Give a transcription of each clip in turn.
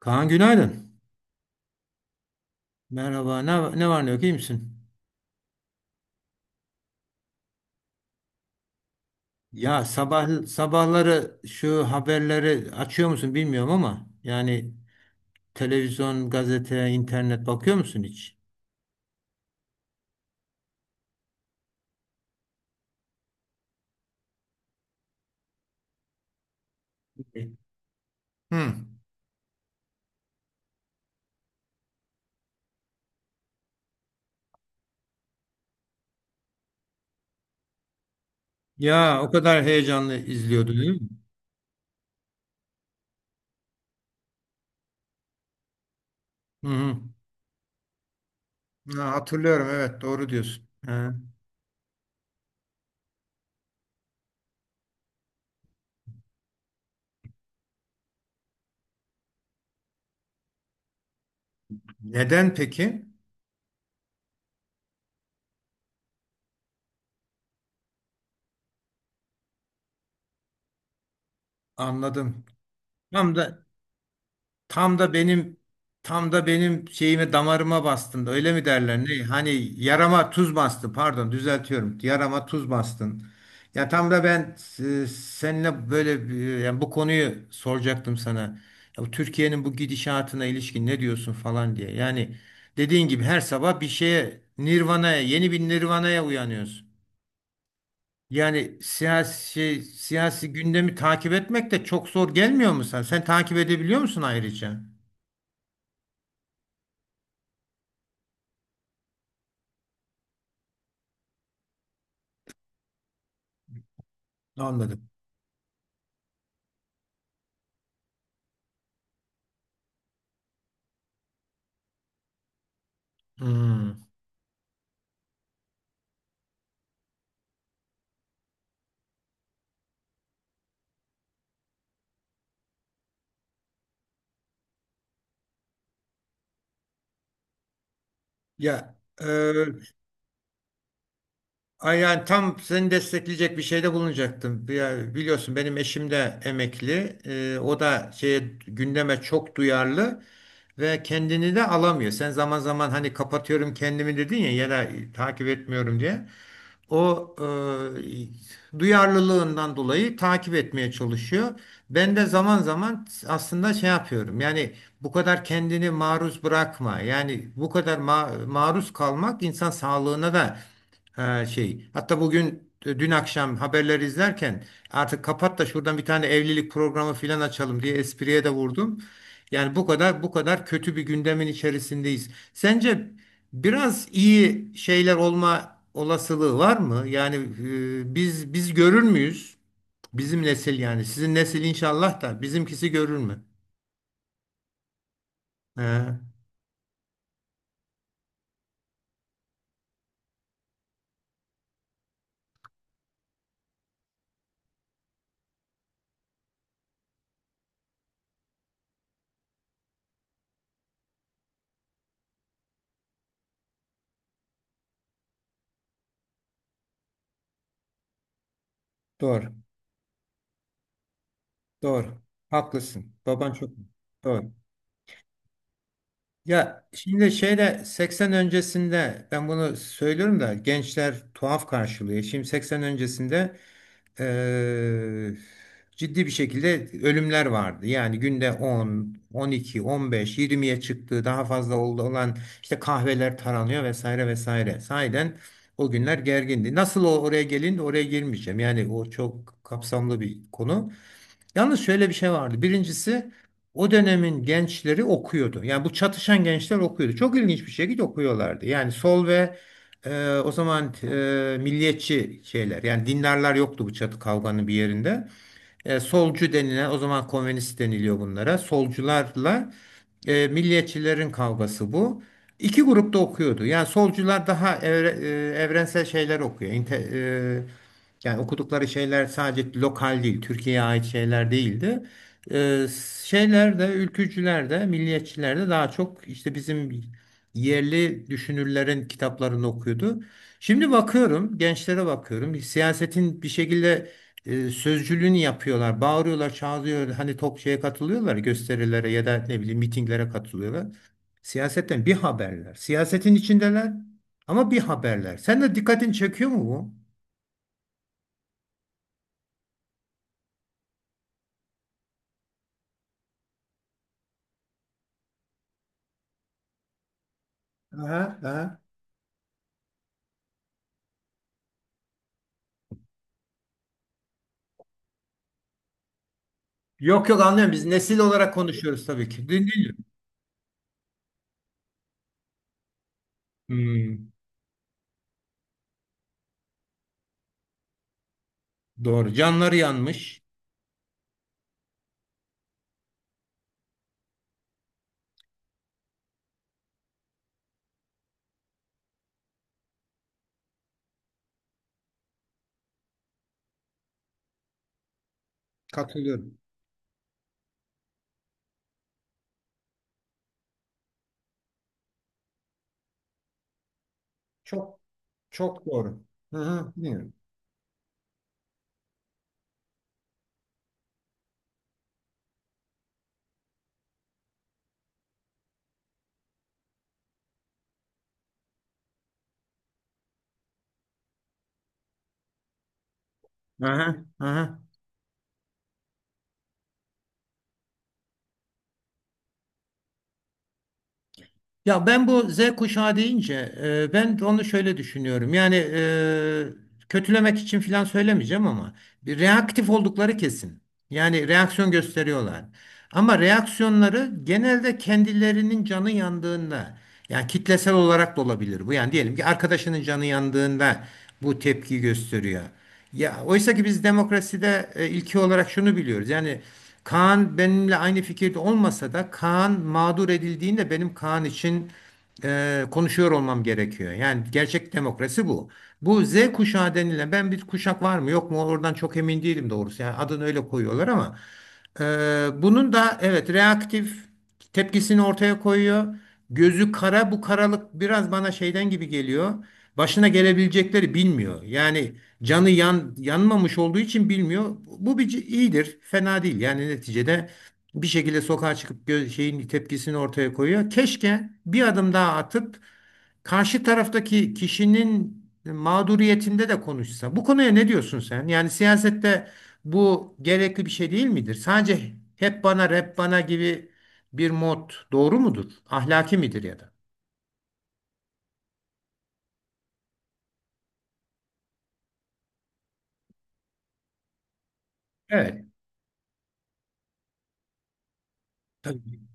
Kaan, günaydın. Merhaba. Ne var ne yok, iyi misin? Ya sabah sabahları şu haberleri açıyor musun bilmiyorum ama yani televizyon, gazete, internet bakıyor musun hiç? Hı. Ya o kadar heyecanlı izliyordun değil mi? Hı hı. Ha, hatırlıyorum, evet, doğru diyorsun. Ha. Neden peki? Anladım. Tam da Tam da benim tam da benim şeyime, damarıma bastın. Öyle mi derler? Ne? Hani yarama tuz bastı. Pardon, düzeltiyorum. Yarama tuz bastın. Ya tam da ben seninle böyle yani bu konuyu soracaktım sana. Ya bu Türkiye'nin bu gidişatına ilişkin ne diyorsun falan diye. Yani dediğin gibi her sabah bir şeye Nirvana'ya, yeni bir Nirvana'ya uyanıyorsun. Yani siyasi gündemi takip etmek de çok zor gelmiyor mu sen? Sen takip edebiliyor musun ayrıca? Anladım. Hmm. Ya e, Ay yani tam seni destekleyecek bir şeyde bulunacaktım. Ya biliyorsun, benim eşim de emekli. O da şeye, gündeme çok duyarlı ve kendini de alamıyor. Sen zaman zaman hani kapatıyorum kendimi dedin ya, ya da takip etmiyorum diye. O duyarlılığından dolayı takip etmeye çalışıyor. Ben de zaman zaman aslında şey yapıyorum. Yani bu kadar kendini maruz bırakma. Yani bu kadar maruz kalmak insan sağlığına da. Ha, şey. Hatta dün akşam haberleri izlerken artık kapat da şuradan bir tane evlilik programı filan açalım diye espriye de vurdum. Yani bu kadar kötü bir gündemin içerisindeyiz. Sence biraz iyi şeyler olma olasılığı var mı? Yani biz görür müyüz? Bizim nesil yani. Sizin nesil inşallah, da bizimkisi görür mü? He, doğru. Doğru. Haklısın. Baban çok doğru. Ya şimdi şeyde 80 öncesinde ben bunu söylüyorum da gençler tuhaf karşılıyor. Şimdi 80 öncesinde eee, ciddi bir şekilde ölümler vardı. Yani günde 10, 12, 15, 20'ye çıktığı daha fazla oldu, olan işte kahveler taranıyor vesaire vesaire. Sahiden o günler gergindi. Nasıl o oraya gelin, oraya girmeyeceğim. Yani o çok kapsamlı bir konu. Yalnız şöyle bir şey vardı. Birincisi, o dönemin gençleri okuyordu. Yani bu çatışan gençler okuyordu. Çok ilginç bir şekilde okuyorlardı. Yani sol ve o zaman milliyetçi şeyler, yani dindarlar yoktu bu çatı kavganın bir yerinde. E, solcu denilen, o zaman komünist deniliyor bunlara. Solcularla milliyetçilerin kavgası bu. İki grupta okuyordu. Yani solcular daha evrensel şeyler okuyor. Yani okudukları şeyler sadece lokal değil, Türkiye'ye ait şeyler değildi. Ee, Şeyler de, ülkücüler de, milliyetçiler de daha çok işte bizim yerli düşünürlerin kitaplarını okuyordu. Şimdi bakıyorum, gençlere bakıyorum. Siyasetin bir şekilde sözcülüğünü yapıyorlar, bağırıyorlar, çağırıyorlar. Hani tok şeye katılıyorlar, gösterilere ya da ne bileyim mitinglere katılıyorlar. Siyasetten bir haberler. Siyasetin içindeler ama bir haberler. Sen de dikkatini çekiyor mu bu? Aha, aha. Yok yok, anlıyorum. Biz nesil olarak konuşuyoruz tabii ki. Değil, değil. Hmm, doğru. Canları yanmış. Katılıyorum. Çok çok doğru. Hı hı, dinliyorum. Hı hı, hı hı. Ya ben bu Z kuşağı deyince ben onu şöyle düşünüyorum. Yani kötülemek için falan söylemeyeceğim ama bir reaktif oldukları kesin. Yani reaksiyon gösteriyorlar. Ama reaksiyonları genelde kendilerinin canı yandığında, yani kitlesel olarak da olabilir bu. Yani diyelim ki arkadaşının canı yandığında bu tepki gösteriyor. Ya oysa ki biz demokraside ilki olarak şunu biliyoruz. Yani Kaan benimle aynı fikirde olmasa da Kaan mağdur edildiğinde benim Kaan için konuşuyor olmam gerekiyor. Yani gerçek demokrasi bu. Bu Z kuşağı denilen bir kuşak var mı yok mu oradan çok emin değilim doğrusu. Yani adını öyle koyuyorlar ama bunun da evet, reaktif tepkisini ortaya koyuyor. Gözü kara, bu karalık biraz bana şeyden gibi geliyor. Başına gelebilecekleri bilmiyor. Yani yanmamış olduğu için bilmiyor. Bu iyidir, fena değil. Yani neticede bir şekilde sokağa çıkıp şeyin tepkisini ortaya koyuyor. Keşke bir adım daha atıp karşı taraftaki kişinin mağduriyetinde de konuşsa. Bu konuya ne diyorsun sen? Yani siyasette bu gerekli bir şey değil midir? Sadece hep bana rap bana gibi bir mod doğru mudur? Ahlaki midir ya da? Evet. Tabii.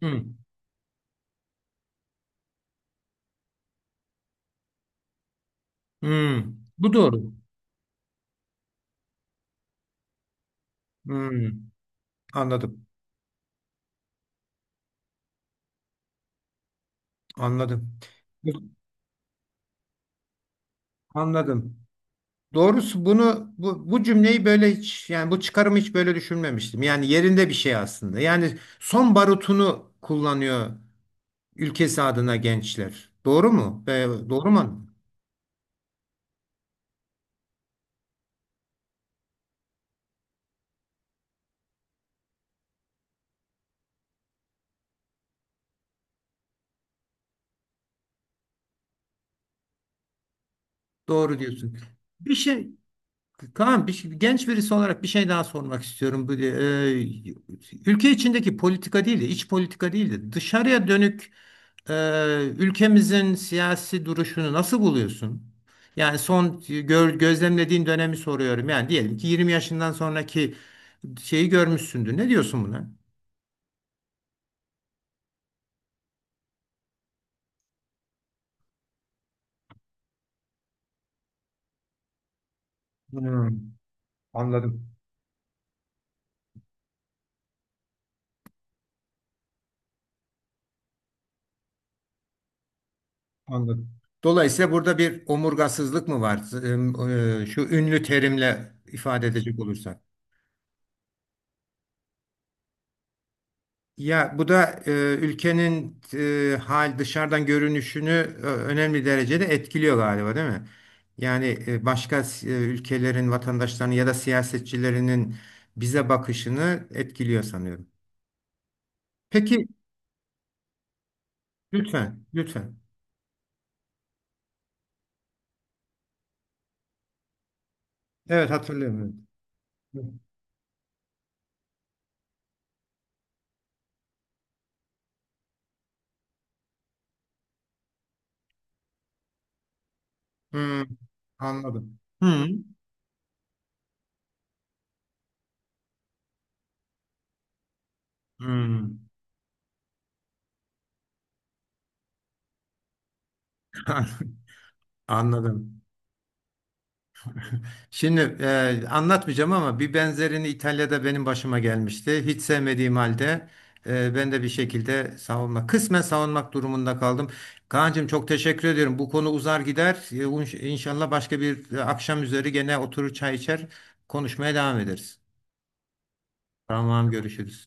Hmm, hmm. Bu doğru. Hmm, anladım. Anladım. Bu- Anladım. Doğrusu bunu bu cümleyi böyle hiç, yani bu çıkarımı hiç böyle düşünmemiştim. Yani yerinde bir şey aslında. Yani son barutunu kullanıyor ülkesi adına gençler. Doğru mu? Doğru mu? Doğru diyorsun. Bir şey Kaan, genç birisi olarak bir şey daha sormak istiyorum. Ülke içindeki politika değil de iç politika değil de dışarıya dönük ülkemizin siyasi duruşunu nasıl buluyorsun? Yani gözlemlediğin dönemi soruyorum. Yani diyelim ki 20 yaşından sonraki şeyi görmüşsündür. Ne diyorsun buna? Hmm, anladım, anladım. Dolayısıyla burada bir omurgasızlık mı var? Şu ünlü terimle ifade edecek olursak. Ya bu da ülkenin e, hal dışarıdan görünüşünü önemli derecede etkiliyor galiba, değil mi? Yani ülkelerin vatandaşlarının ya da siyasetçilerinin bize bakışını etkiliyor sanıyorum. Peki, lütfen, lütfen. Evet, hatırlıyorum. Evet. Hmm, anladım. Hmm, hmm. Anladım. Anlatmayacağım ama bir benzerini İtalya'da benim başıma gelmişti. Hiç sevmediğim halde ben de bir şekilde kısmen savunmak durumunda kaldım. Kaan'cığım, çok teşekkür ediyorum. Bu konu uzar gider. E, İnşallah başka bir akşam üzeri gene oturur, çay içer, konuşmaya devam ederiz. Tamam, görüşürüz.